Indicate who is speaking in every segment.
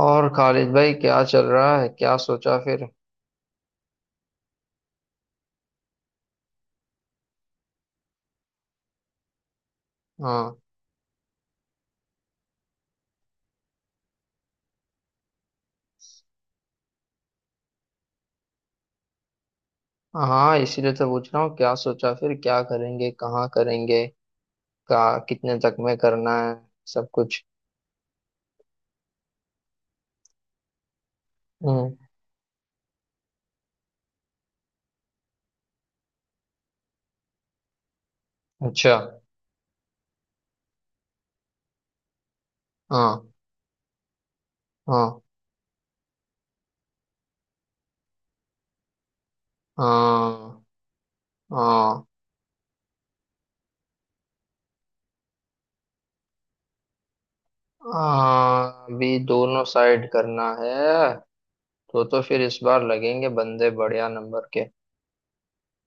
Speaker 1: और खालिद भाई क्या चल रहा है, क्या सोचा फिर। हाँ। हाँ, इसीलिए तो पूछ रहा हूँ क्या सोचा फिर, क्या करेंगे, कहाँ करेंगे, का कितने तक में करना है, सब कुछ। हम्म। अच्छा। हाँ हाँ। हाँ। हाँ। हाँ, अभी दोनों साइड करना है। तो फिर इस बार लगेंगे बंदे बढ़िया नंबर के।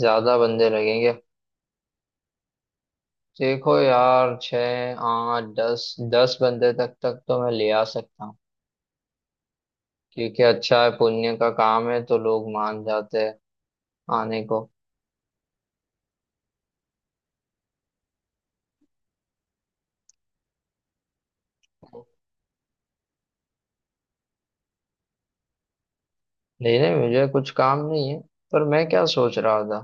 Speaker 1: ज्यादा बंदे लगेंगे। देखो यार, छः आठ दस, 10 बंदे तक तक तो मैं ले आ सकता हूँ। ठीक है, अच्छा है, पुण्य का काम है तो लोग मान जाते हैं आने को। नहीं नहीं, मुझे कुछ काम नहीं है। पर मैं क्या सोच रहा था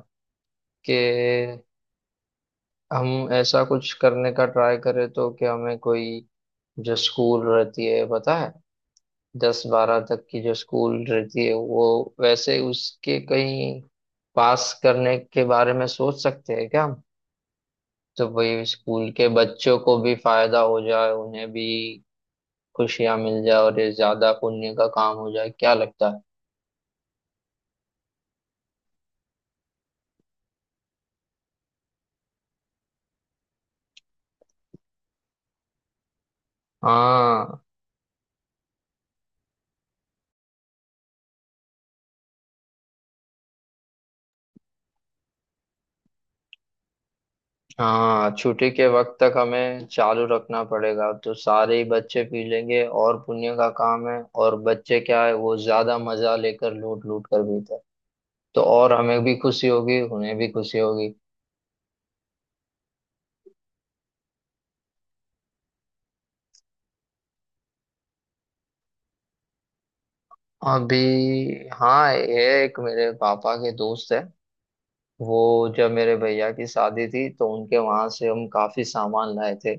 Speaker 1: कि हम ऐसा कुछ करने का ट्राई करें तो, कि हमें कोई जो स्कूल रहती है, पता है, दस बारह तक की जो स्कूल रहती है, वो, वैसे उसके कहीं पास करने के बारे में सोच सकते हैं क्या हम। तो भाई स्कूल के बच्चों को भी फायदा हो जाए, उन्हें भी खुशियां मिल जाए, और ये ज्यादा पुण्य का काम हो जाए। क्या लगता है। हाँ। हाँ, छुट्टी के वक्त तक हमें चालू रखना पड़ेगा, तो सारे ही बच्चे पी लेंगे, और पुण्य का काम है, और बच्चे क्या है, वो ज्यादा मजा लेकर लूट लूट कर पीते हैं। तो और हमें भी खुशी होगी, उन्हें भी खुशी होगी। अभी। हाँ, ये एक मेरे पापा के दोस्त है, वो, जब मेरे भैया की शादी थी तो उनके वहां से हम काफी सामान लाए थे।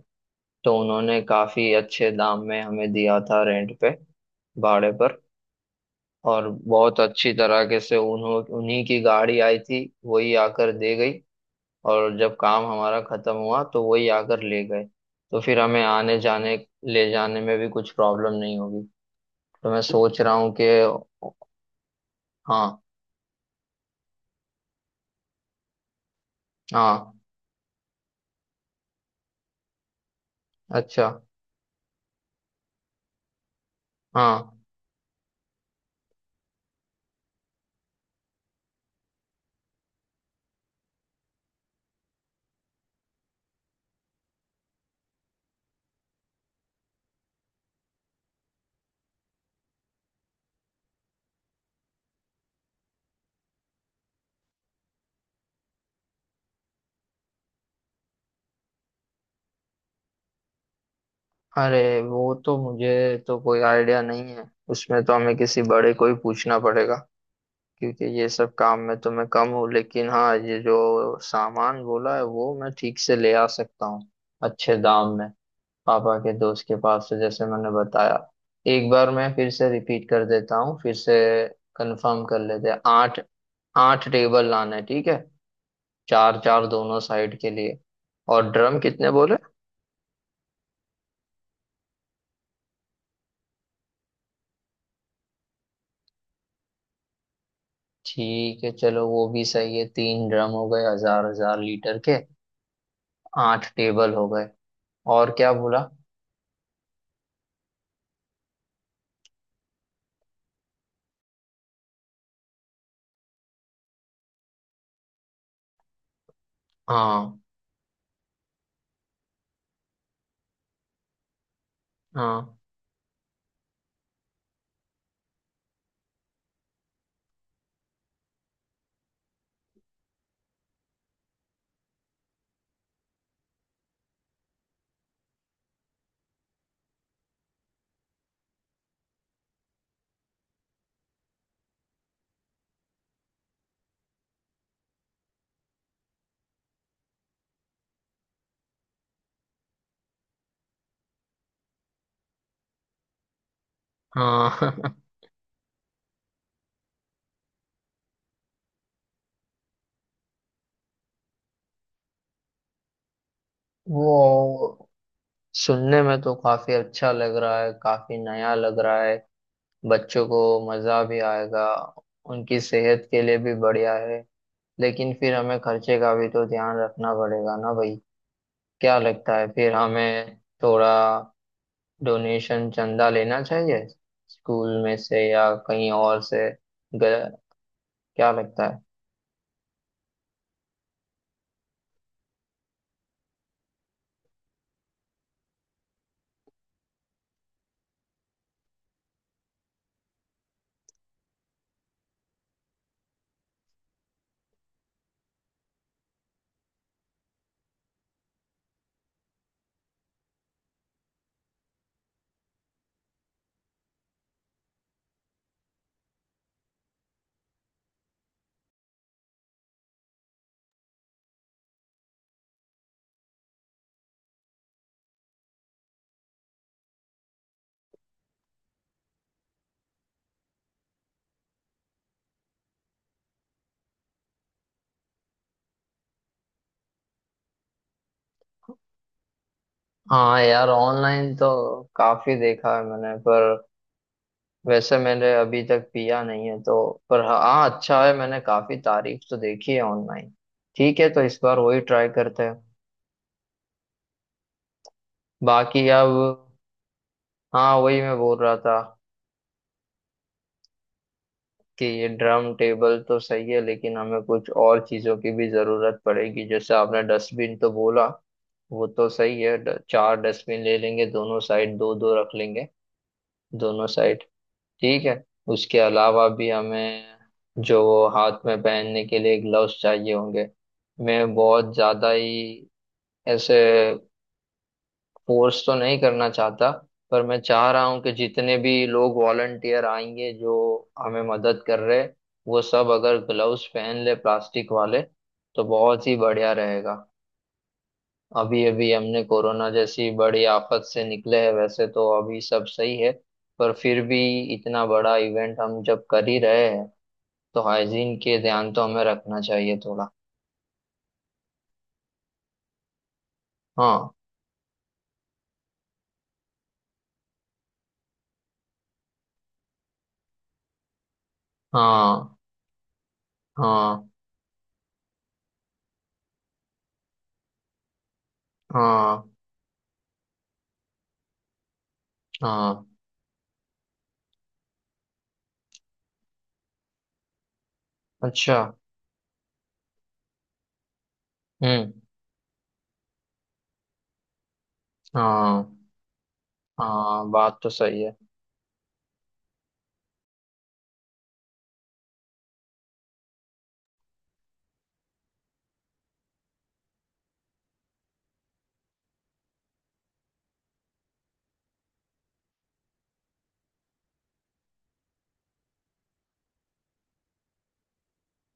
Speaker 1: तो उन्होंने काफी अच्छे दाम में हमें दिया था, रेंट पे, भाड़े पर। और बहुत अच्छी तरीके से उन्हों उन्हीं की गाड़ी आई थी, वही आकर दे गई। और जब काम हमारा खत्म हुआ तो वही आकर ले गए। तो फिर हमें आने जाने, ले जाने में भी कुछ प्रॉब्लम नहीं होगी। तो मैं सोच रहा हूँ कि हाँ। हाँ। अच्छा। हाँ। अरे वो तो मुझे तो कोई आइडिया नहीं है। उसमें तो हमें किसी बड़े को ही पूछना पड़ेगा, क्योंकि ये सब काम में तो मैं कम हूँ, लेकिन हाँ, ये जो सामान बोला है वो मैं ठीक से ले आ सकता हूँ अच्छे दाम में, पापा के दोस्त के पास से, जैसे मैंने बताया। एक बार मैं फिर से रिपीट कर देता हूँ, फिर से कंफर्म कर लेते हैं। आठ, आठ टेबल लाना है, ठीक है, चार चार दोनों साइड के लिए। और ड्रम कितने बोले। ठीक है, चलो वो भी सही है, तीन ड्रम हो गए 1000-1000 लीटर के। आठ टेबल हो गए। और क्या बोला। हाँ। हाँ। हाँ वो, सुनने में तो काफी अच्छा लग रहा है, काफी नया लग रहा है, बच्चों को मजा भी आएगा, उनकी सेहत के लिए भी बढ़िया है, लेकिन फिर हमें खर्चे का भी तो ध्यान रखना पड़ेगा ना भाई। क्या लगता है, फिर हमें थोड़ा डोनेशन, चंदा लेना चाहिए, स्कूल में से या कहीं और से। ग- क्या लगता है। हाँ यार, ऑनलाइन तो काफी देखा है मैंने, पर वैसे मैंने अभी तक पिया नहीं है, तो। पर हाँ, हाँ, अच्छा है, मैंने काफी तारीफ तो देखी है ऑनलाइन। ठीक है, तो इस बार वही ट्राई करते हैं। बाकी अब, हाँ वही मैं बोल रहा था कि ये ड्रम टेबल तो सही है, लेकिन हमें कुछ और चीजों की भी जरूरत पड़ेगी, जैसे आपने डस्टबिन तो बोला, वो तो सही है, चार डस्टबिन ले लेंगे, दोनों साइड दो दो रख लेंगे, दोनों साइड। ठीक है। उसके अलावा भी हमें, जो वो हाथ में पहनने के लिए ग्लव्स चाहिए होंगे। मैं बहुत ज़्यादा ही ऐसे फोर्स तो नहीं करना चाहता, पर मैं चाह रहा हूँ कि जितने भी लोग वॉलंटियर आएंगे, जो हमें मदद कर रहे हैं, वो सब अगर ग्लव्स पहन ले प्लास्टिक वाले, तो बहुत ही बढ़िया रहेगा। अभी अभी हमने कोरोना जैसी बड़ी आफत से निकले हैं, वैसे तो अभी सब सही है, पर फिर भी इतना बड़ा इवेंट हम जब कर ही रहे हैं, तो हाइजीन के ध्यान तो हमें रखना चाहिए थोड़ा। हाँ। हाँ। हाँ। हाँ। हाँ। अच्छा। हम्म। हाँ। हाँ, बात तो सही है।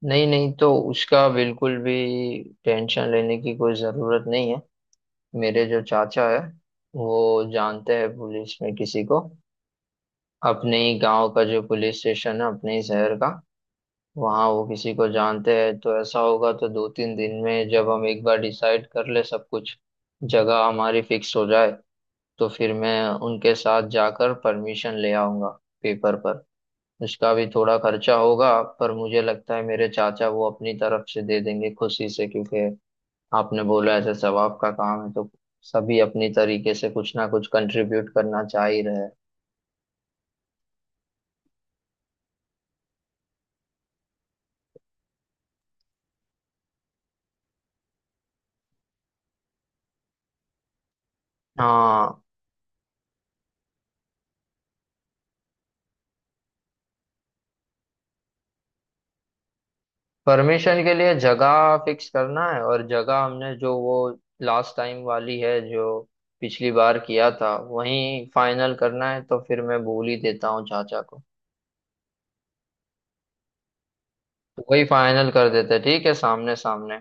Speaker 1: नहीं नहीं, तो उसका बिल्कुल भी टेंशन लेने की कोई ज़रूरत नहीं है। मेरे जो चाचा है, वो जानते हैं पुलिस में किसी को, अपने ही गांव का जो पुलिस स्टेशन है, अपने ही शहर का, वहाँ वो किसी को जानते हैं। तो ऐसा होगा तो 2-3 दिन में, जब हम एक बार डिसाइड कर ले सब कुछ, जगह हमारी फिक्स हो जाए, तो फिर मैं उनके साथ जाकर परमिशन ले आऊंगा, पेपर पर। उसका भी थोड़ा खर्चा होगा, पर मुझे लगता है मेरे चाचा वो अपनी तरफ से दे देंगे खुशी से, क्योंकि आपने बोला ऐसे सवाब का काम है, तो सभी अपनी तरीके से कुछ ना कुछ कंट्रीब्यूट करना चाह ही रहे हैं। हाँ, परमिशन के लिए जगह फिक्स करना है, और जगह हमने जो वो लास्ट टाइम वाली है, जो पिछली बार किया था, वही फाइनल करना है। तो फिर मैं भूल ही देता हूँ चाचा को, तो वही फाइनल कर देते हैं, ठीक है, सामने सामने।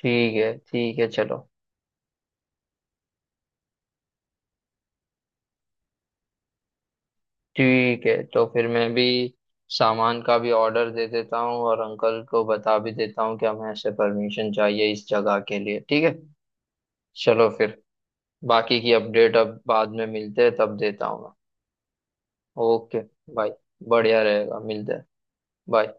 Speaker 1: ठीक है, ठीक है, चलो। ठीक है, तो फिर मैं भी सामान का भी ऑर्डर दे देता हूँ, और अंकल को बता भी देता हूँ कि हमें ऐसे परमिशन चाहिए इस जगह के लिए। ठीक है, चलो फिर, बाकी की अपडेट अब बाद में मिलते हैं तब देता हूँ मैं। ओके भाई, बढ़िया रहेगा, मिलते हैं। बाय।